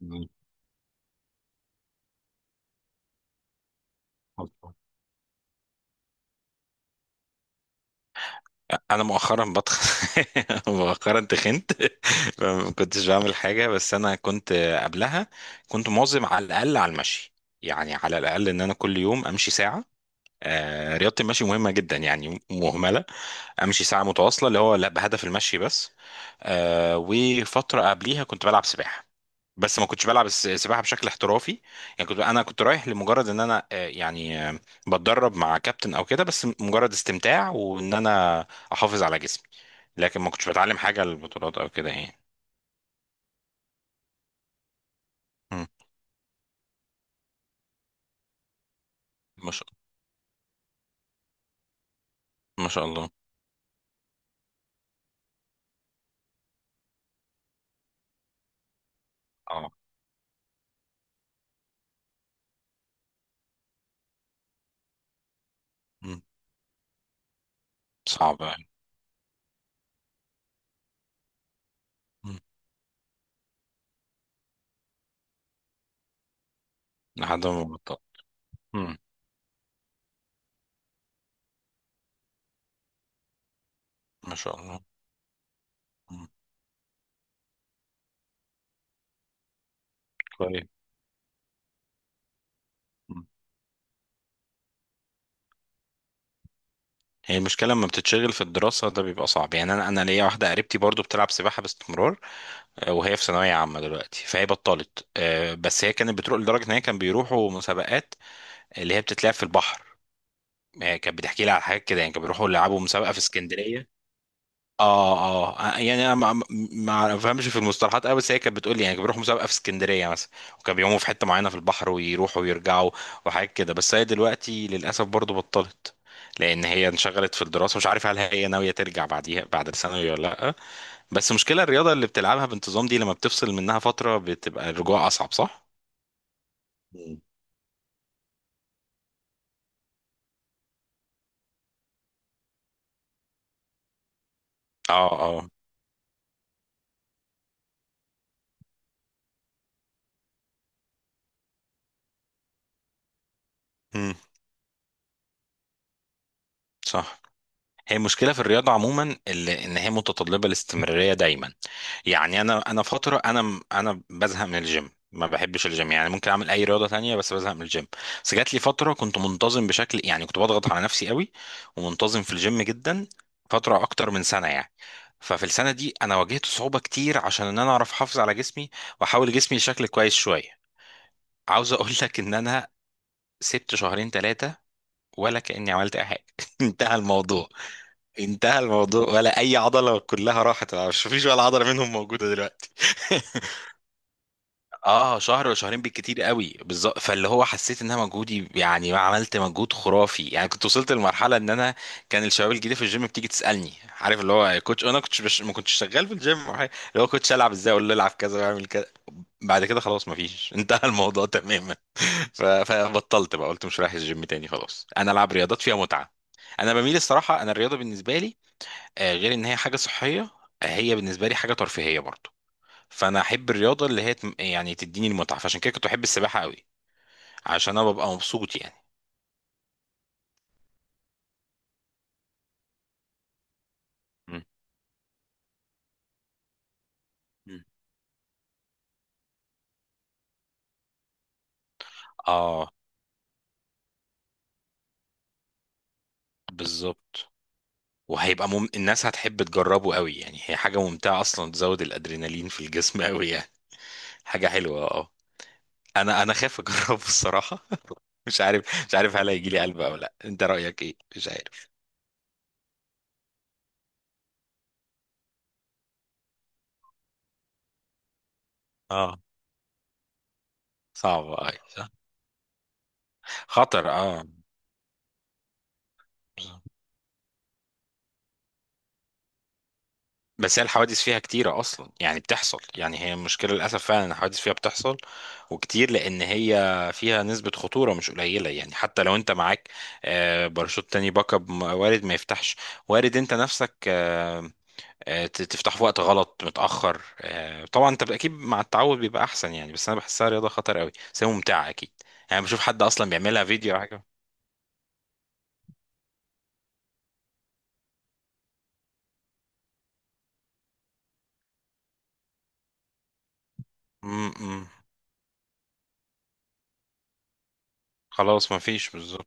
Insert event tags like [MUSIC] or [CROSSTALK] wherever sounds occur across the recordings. مم. حصل. انا مؤخرا بتخن. [LAUGHS] مؤخرا تخنت. [LAUGHS] فما كنتش بعمل حاجه، بس انا كنت قبلها كنت مواظب على الاقل على المشي، يعني على الاقل ان انا كل يوم امشي ساعه. رياضه المشي مهمه جدا يعني، مهمله. امشي ساعه متواصله، اللي هو لا بهدف المشي بس. آه وفتره قبليها كنت بلعب سباحه، بس ما كنتش بلعب السباحه بشكل احترافي. يعني كنت، انا كنت رايح لمجرد ان انا، بتدرب مع كابتن او كده، بس مجرد استمتاع وان انا احافظ على جسمي. لكن ما كنتش بتعلم حاجه للبطولات او كده يعني. مم. ما شاء، ما شاء الله. اه. مم. صعب يعني. مم. لحد ما بطل. مم. ما شاء الله. مم. كويس. هي المشكلة لما بتتشغل في الدراسة، ده بيبقى صعب يعني. أنا ليا واحدة قريبتي برضو بتلعب سباحة باستمرار، وهي في ثانوية عامة دلوقتي، فهي بطلت. بس هي كانت بتروح لدرجة إن هي كان بيروحوا مسابقات اللي هي بتتلعب في البحر. كانت بتحكي لي على حاجات كده، يعني كانوا بيروحوا يلعبوا مسابقة في اسكندرية. اه اه، يعني انا ما بفهمش في المصطلحات قوي، بس هي كانت بتقول لي يعني كانوا بيروحوا مسابقه في اسكندريه مثلا، وكانوا بيقوموا في حته معينه في البحر ويروحوا ويرجعوا، وحاجات كده. بس هي دلوقتي للاسف برضو بطلت، لان هي انشغلت في الدراسه. مش عارف هل هي ناويه ترجع بعديها بعد الثانوي ولا لا؟ بس مشكله الرياضه اللي بتلعبها بانتظام دي، لما بتفصل منها فتره بتبقى الرجوع اصعب، صح؟ مم. اه اه. امم. صح. هي المشكله في الرياضه عموما، اللي ان هي متطلبه الاستمراريه دايما. يعني انا فتره، انا انا بزهق من الجيم، ما بحبش الجيم. يعني ممكن اعمل اي رياضه تانية، بس بزهق من الجيم. بس جات لي فتره كنت منتظم بشكل يعني، كنت بضغط على نفسي قوي، ومنتظم في الجيم جدا، فتره اكتر من سنه يعني. ففي السنه دي انا واجهت صعوبه كتير، عشان ان انا اعرف احافظ على جسمي واحول جسمي شكل كويس شويه. عاوز اقول لك ان انا سبت شهرين ثلاثه، ولا كاني عملت اي حاجه. [LAUGHS] انتهى الموضوع. انتهى الموضوع، ولا اي عضله، كلها راحت، مش فيش ولا عضله منهم موجوده دلوقتي. [LAUGHS] اه، شهر ولا شهرين بالكتير قوي، بالظبط. فاللي هو حسيت ان انا مجهودي، يعني ما عملت مجهود خرافي، يعني كنت وصلت لمرحله ان انا كان الشباب الجديده في الجيم بتيجي تسالني، عارف اللي هو يا كوتش، ما كنتش شغال في الجيم أو حاجة. اللي هو كوتش، العب ازاي؟ اقول له العب كذا واعمل كذا. بعد كده خلاص ما فيش. [LAUGHS] انتهى الموضوع تماما. فبطلت بقى، قلت مش رايح الجيم تاني، خلاص انا العب رياضات فيها متعه. انا بميل، الصراحه، انا الرياضه بالنسبه لي، غير ان هي حاجه صحيه، هي بالنسبه لي حاجه ترفيهيه برضه. فانا احب الرياضه اللي هي يعني تديني المتعه، فعشان كده كنت بحب السباحه قوي، عشان انا ببقى مبسوط يعني. مم. مم. اه، بالظبط. وهيبقى الناس هتحب تجربه قوي، يعني هي حاجه ممتعه اصلا، تزود الادرينالين في الجسم قوي يعني، حاجه حلوه اه. انا خايف اجربه الصراحه. [LAUGHS] مش عارف، هل هيجي لي قلب او لا؟ انت رايك ايه؟ مش عارف. اه، صعب اه، صح؟ خطر اه. بس هي الحوادث فيها كتيرة أصلا، يعني بتحصل. يعني هي المشكلة للأسف، فعلا إن الحوادث فيها بتحصل وكتير، لأن هي فيها نسبة خطورة مش قليلة يعني. حتى لو أنت معاك باراشوت تاني، باك اب، وارد ما يفتحش، وارد أنت نفسك تفتح في وقت غلط متأخر. طبعا أنت أكيد مع التعود بيبقى أحسن يعني، بس أنا بحسها رياضة خطر قوي، بس هي ممتعة أكيد. يعني بشوف حد أصلا بيعملها فيديو أو حاجة. م- م. خلاص مفيش، بالظبط.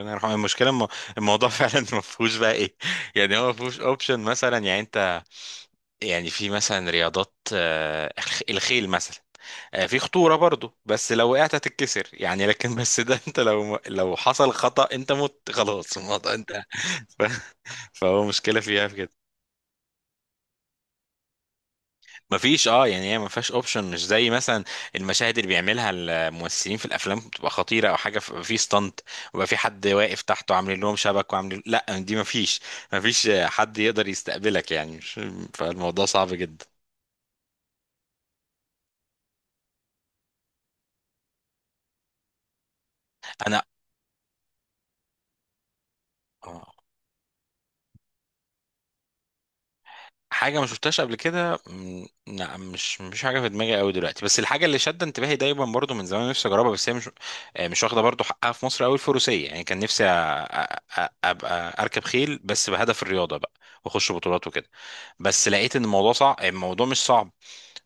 ربنا يرحمه. الموضوع [LAUGHS] فعلا ما فيهوش بقى ايه. يعني هو ما فيهوش اوبشن مثلا، يعني انت، يعني في مثلا رياضات، الخيل مثلا، في خطوره برضو، بس لو وقعت هتتكسر يعني، لكن بس ده [LAUGHS] انت لو حصل خطأ انت مت، خلاص الموضوع انت. [LAUGHS] ف... فهو مشكله فيها في كده. مفيش اه، يعني هي مفيهاش اوبشن، مش زي مثلا المشاهد اللي بيعملها الممثلين في الافلام بتبقى خطيره او حاجه، في ستانت، ويبقى في حد واقف تحته عاملين لهم شبك وعاملين، لا دي مفيش، مفيش حد يقدر يستقبلك يعني. فالموضوع صعب جدا. انا، آه. حاجة ما شفتهاش قبل كده، م، لا مش حاجة في دماغي قوي دلوقتي. بس الحاجة اللي شادة انتباهي دايما برضو من زمان، نفسي اجربها، بس هي مش، مش واخدة برضو حقها في مصر قوي، الفروسية. يعني كان نفسي ابقى اركب خيل، بس بهدف الرياضة بقى، واخش بطولات وكده. بس لقيت ان الموضوع صعب، الموضوع مش صعب،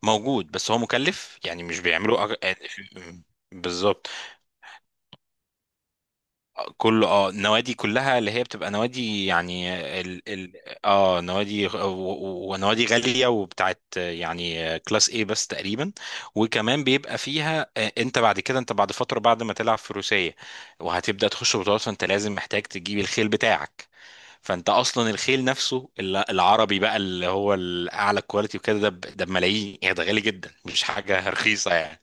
موجود، بس هو مكلف يعني. مش بيعملوا أج... آه، بالظبط. كل اه النوادي كلها اللي هي بتبقى نوادي يعني، ال اه نوادي ونوادي غالية وبتاعت يعني كلاس ايه بس تقريبا. وكمان بيبقى فيها، انت بعد كده، انت بعد فترة بعد ما تلعب فروسية وهتبدأ تخش بطولات، فانت لازم محتاج تجيب الخيل بتاعك. فانت اصلا الخيل نفسه العربي بقى، اللي هو الاعلى كواليتي وكده، ده ده بملايين يعني، ده غالي جدا، مش حاجة رخيصة يعني.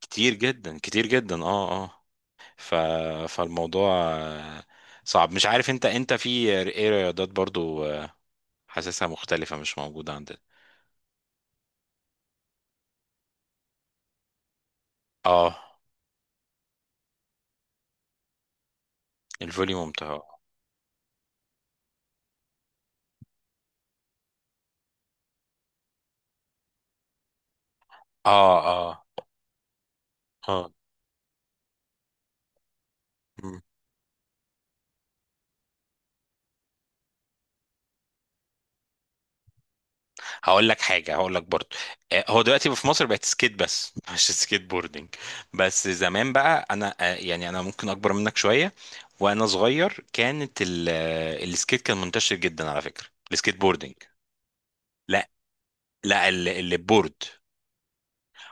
كتير جدا، كتير جدا، اه اه. ف... فالموضوع صعب. مش عارف انت، انت في ايه رياضات برضو حاسسها مختلفة مش موجودة عندنا؟ اه، الفولي ممتع اه. اه اه. مم. هقول لك حاجة، هقول لك برضو، هو دلوقتي في مصر بقت سكيت بس، [LAUGHS] مش سكيت بوردنج. بس زمان بقى انا، يعني انا ممكن اكبر منك شوية، وانا صغير كانت السكيت كان منتشر جدا، على فكرة، السكيت بوردنج. لا، لا، البورد.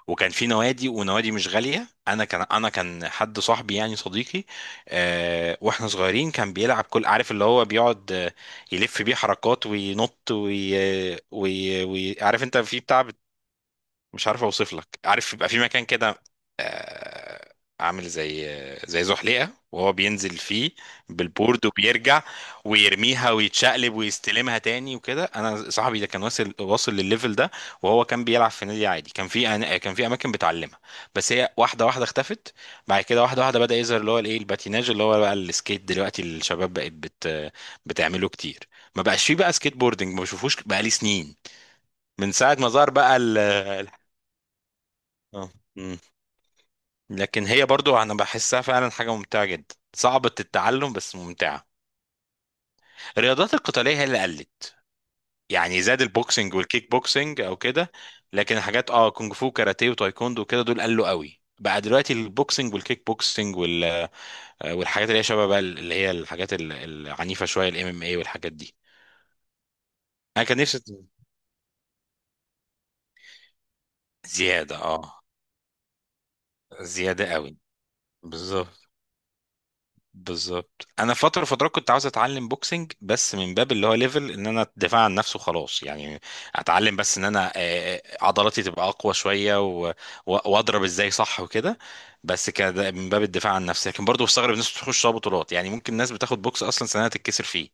وكان في نوادي، ونوادي مش غاليه. انا كان حد صاحبي، يعني صديقي، واحنا صغيرين كان بيلعب، كل عارف اللي هو بيقعد، يلف بيه حركات وينط وي... آه، وي... وي... عارف، انت في بتاع، مش عارف اوصف لك، عارف يبقى في مكان كده، آه، عامل زي، زي زحليقه وهو بينزل فيه بالبورد، وبيرجع ويرميها ويتشقلب ويستلمها تاني وكده. انا صاحبي ده كان واصل، واصل للليفل ده، وهو كان بيلعب في نادي عادي. كان في اماكن بتعلمها، بس هي واحده واحده اختفت بعد كده. واحده واحده بدا يظهر اللي هو الايه، الباتيناج اللي هو بقى السكيت دلوقتي، الشباب بقت بتعمله كتير. ما بقاش فيه بقى سكيت بوردنج، ما بشوفوش بقى لي سنين، من ساعه ما ظهر بقى اه. مم. لكن هي برضو انا بحسها فعلا حاجه ممتعه جدا، صعبه التعلم بس ممتعه. الرياضات القتاليه هي اللي قلت، يعني زاد البوكسنج والكيك بوكسنج او كده. لكن الحاجات اه، كونج فو كاراتيه وتايكوندو وكده دول قلوا قوي بقى دلوقتي. البوكسنج والكيك بوكسنج والحاجات اللي هي شبه بقى اللي هي الحاجات العنيفه شويه، الام ام اي والحاجات دي. انا كان نفسي زياده اه، زياده قوي. بالظبط، بالظبط. انا فتره، فترات كنت عاوز اتعلم بوكسنج، بس من باب اللي هو ليفل ان انا ادافع عن نفسي وخلاص يعني. اتعلم بس ان انا، عضلاتي تبقى اقوى شويه واضرب ازاي صح وكده. بس كده من باب الدفاع عن نفسي. لكن برضه بستغرب الناس بتخش لها بطولات، يعني ممكن الناس بتاخد بوكس اصلا سنه تتكسر فيه،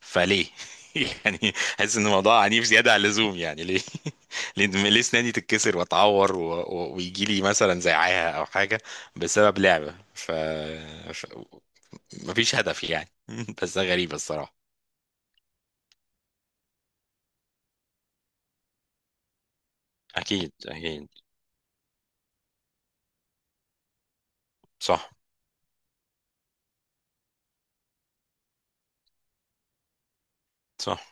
فليه؟ [LAUGHS] يعني حاسس ان الموضوع عنيف زياده عن اللزوم يعني، ليه؟ [LAUGHS] ليه، ليه اسناني تتكسر واتعور ويجي لي مثلا زعاها او حاجه، بسبب لعبه؟ مفيش هدف يعني. [LAUGHS] بس ده غريب الصراحة. أكيد، أكيد. صح. صح.